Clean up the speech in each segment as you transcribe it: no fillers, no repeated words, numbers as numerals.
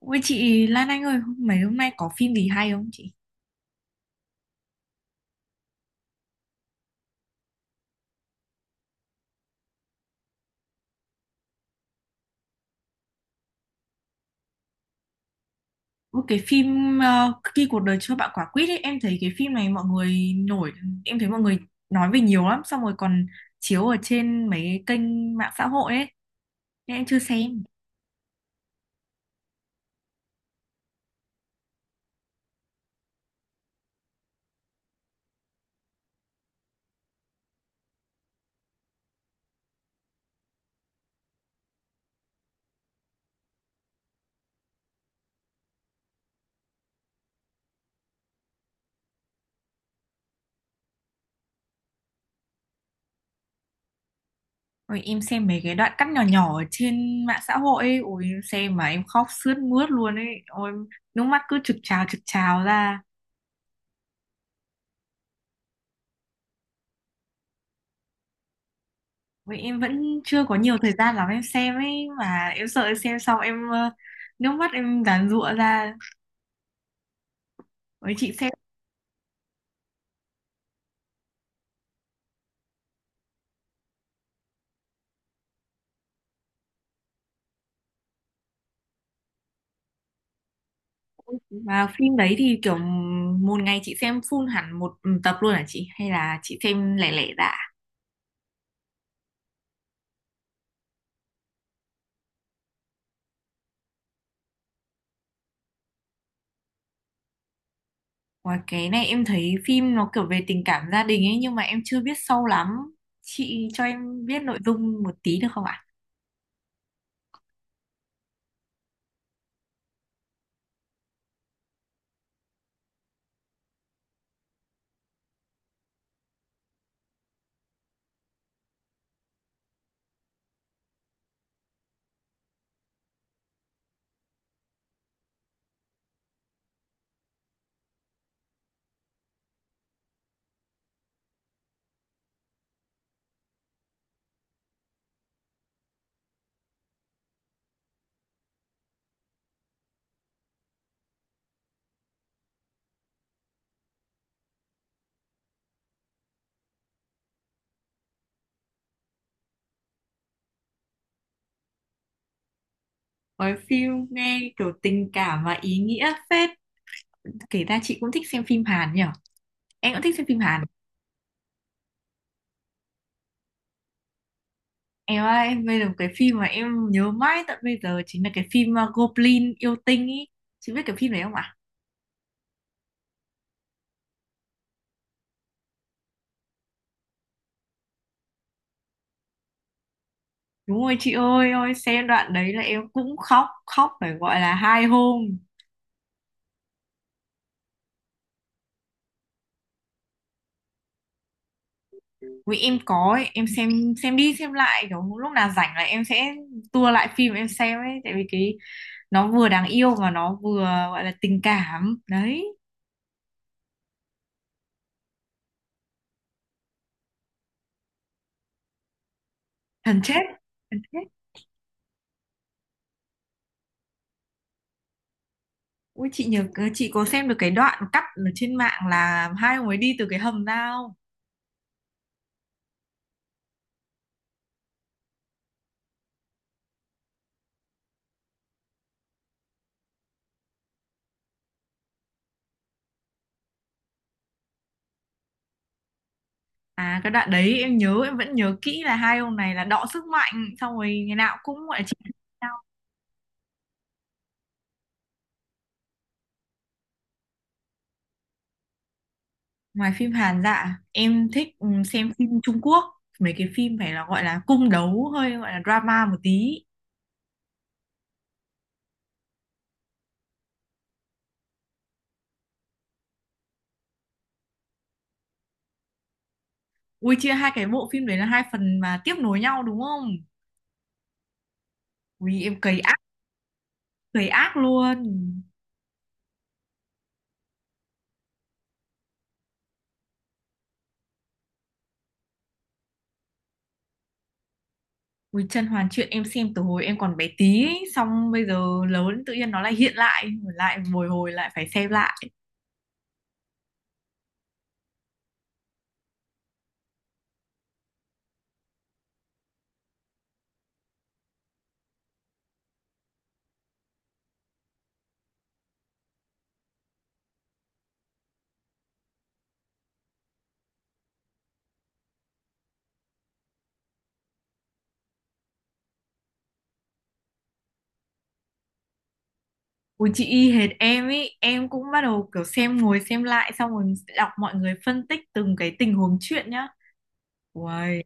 Ui chị Lan Anh ơi, mấy hôm nay có phim gì hay không chị? Ui, cái phim Khi cuộc đời cho bạn quả quýt ấy, em thấy cái phim này mọi người nổi, em thấy mọi người nói về nhiều lắm, xong rồi còn chiếu ở trên mấy cái kênh mạng xã hội ấy, nên em chưa xem. Ôi, em xem mấy cái đoạn cắt nhỏ nhỏ ở trên mạng xã hội ấy, ôi em xem mà em khóc sướt mướt luôn ấy, ôi nước mắt cứ trực trào ra. Ôi, em vẫn chưa có nhiều thời gian lắm em xem ấy, mà em sợ em xem xong em nước mắt em giàn giụa ra. Với chị xem, và phim đấy thì kiểu một ngày chị xem full hẳn một tập luôn hả chị hay là chị xem lẻ lẻ dạ? Và cái này em thấy phim nó kiểu về tình cảm gia đình ấy nhưng mà em chưa biết sâu lắm. Chị cho em biết nội dung một tí được không ạ? Với phim nghe kiểu tình cảm và ý nghĩa phết. Kể ra chị cũng thích xem phim Hàn nhỉ? Em cũng thích xem phim Hàn. Em ơi, em bây giờ một cái phim mà em nhớ mãi tận bây giờ chính là cái phim Goblin yêu tinh ý. Chị biết cái phim đấy không ạ? Đúng rồi chị ơi, ôi xem đoạn đấy là em cũng khóc, khóc phải gọi là hai hôm. Vì em có ấy, em xem đi xem lại kiểu lúc nào rảnh là em sẽ tua lại phim em xem ấy, tại vì cái nó vừa đáng yêu mà nó vừa gọi là tình cảm. Đấy, thần chết, thần chết. Ui chị nhớ chị có xem được cái đoạn cắt ở trên mạng là hai ông ấy đi từ cái hầm ra không? À cái đoạn đấy em nhớ em vẫn nhớ kỹ là hai ông này là đọ sức mạnh xong rồi ngày nào cũng gọi là chị. Ngoài phim Hàn dạ, em thích xem phim Trung Quốc, mấy cái phim phải là gọi là cung đấu hơi gọi là drama một tí. Ui chia hai cái bộ phim đấy là hai phần mà tiếp nối nhau đúng không? Ui em cày ác luôn. Ui Chân Hoàn Truyện em xem từ hồi em còn bé tí, ấy, xong bây giờ lớn tự nhiên nó lại hiện lại, lại bồi hồi lại phải xem lại. Ui chị y hệt em ý, em cũng bắt đầu kiểu xem ngồi xem lại xong rồi đọc mọi người phân tích từng cái tình huống chuyện nhá. Ui.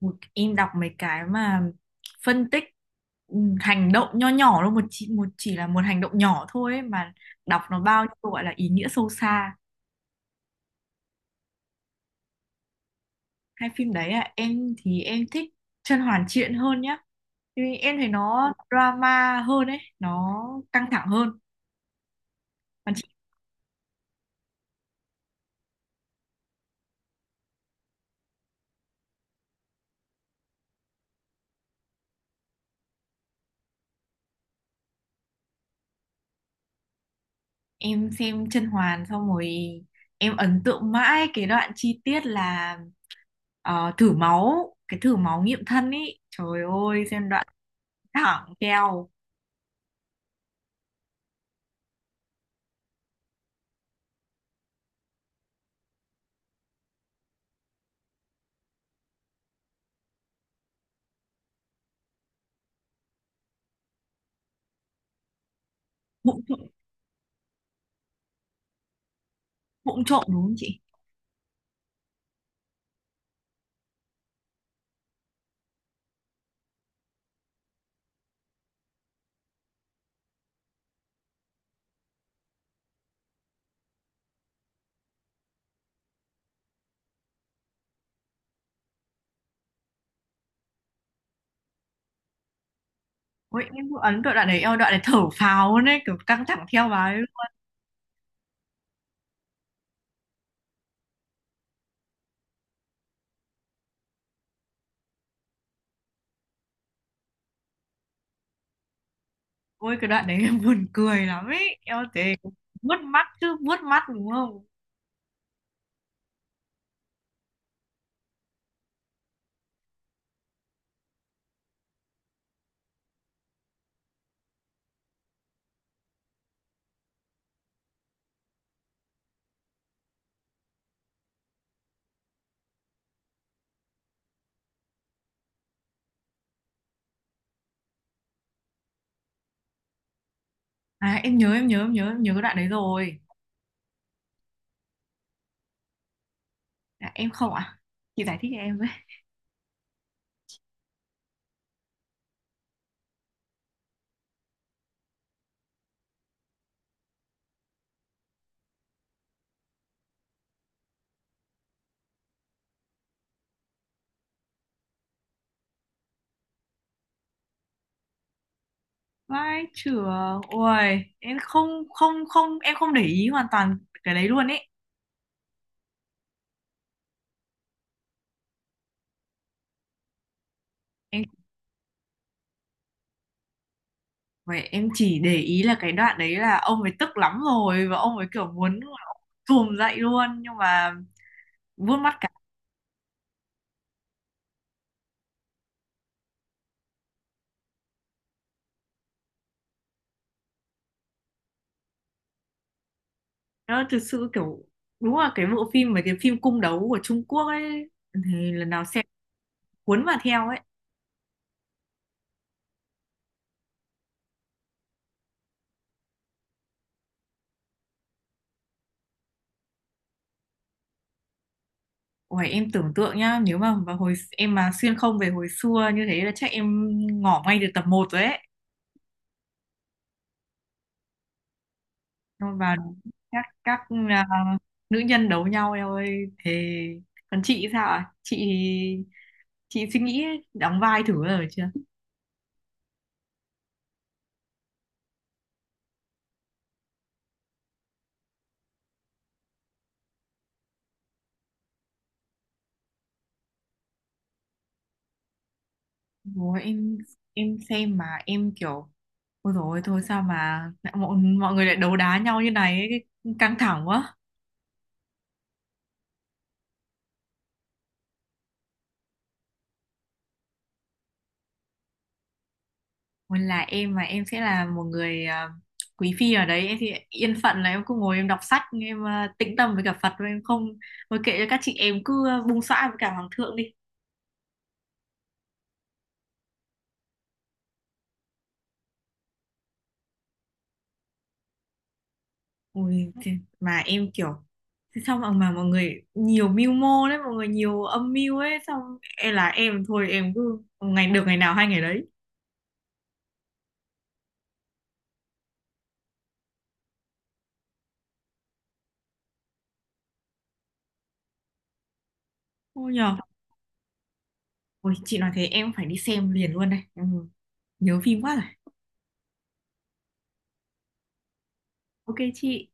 Ui, em đọc mấy cái mà phân tích hành động nho nhỏ thôi một chỉ là một hành động nhỏ thôi ấy, mà đọc nó bao nhiêu gọi là ý nghĩa sâu xa. Hai phim đấy à em thì em thích Chân Hoàn Triện hơn nhá vì em thấy nó drama hơn ấy nó căng thẳng hơn còn chị. Em xem Chân Hoàn xong rồi em ấn tượng mãi cái đoạn chi tiết là thử máu cái thử máu nghiệm thân ấy, trời ơi xem đoạn thẳng keo bụng vụng trộm đúng không chị. Ôi em cũng ấn tượng đoạn đấy, eo đoạn đấy thở phào luôn ấy kiểu căng thẳng theo bà ấy. Ôi cái đoạn đấy em buồn cười lắm ấy, eo thế vuốt mắt chứ vuốt mắt đúng không. À em nhớ cái đoạn đấy rồi. À, em không. À chị giải thích cho em với. Vai trưởng ôi em không không không em không để ý hoàn toàn cái đấy luôn ấy. Em vậy em chỉ để ý là cái đoạn đấy là ông ấy tức lắm rồi và ông ấy kiểu muốn thùm dậy luôn nhưng mà vuốt mắt. Đó thực sự kiểu đúng là cái bộ phim mấy cái phim cung đấu của Trung Quốc ấy thì lần nào xem cuốn vào theo ấy. Ủa, em tưởng tượng nhá nếu mà vào hồi em mà xuyên không về hồi xưa như thế là chắc em ngỏ ngay được tập một rồi ấy. Xong và các à, nữ nhân đấu nhau em ơi, thế còn chị sao ạ, chị suy nghĩ đóng vai thử rồi chưa? Ủa, em xem mà em kiểu ôi rồi thôi sao mà lại mọi người lại đấu đá nhau như này ấy, cái- căng thẳng quá. Còn là em mà em sẽ là một người à, quý phi ở đấy em thì yên phận là em cứ ngồi em đọc sách em à, tĩnh tâm với cả Phật, và em không, thôi kệ cho các chị em cứ à, bung xõa với cả hoàng thượng đi. Ôi thì, mà em kiểu thế sao mà mọi người nhiều mưu mô đấy mọi người nhiều âm mưu ấy, xong em là em thôi em cứ ngày được ngày nào hay ngày đấy. Ôi nhờ. Ôi, chị nói thế em phải đi xem liền luôn đây. Ừ. Nhớ phim quá rồi. Ok chị.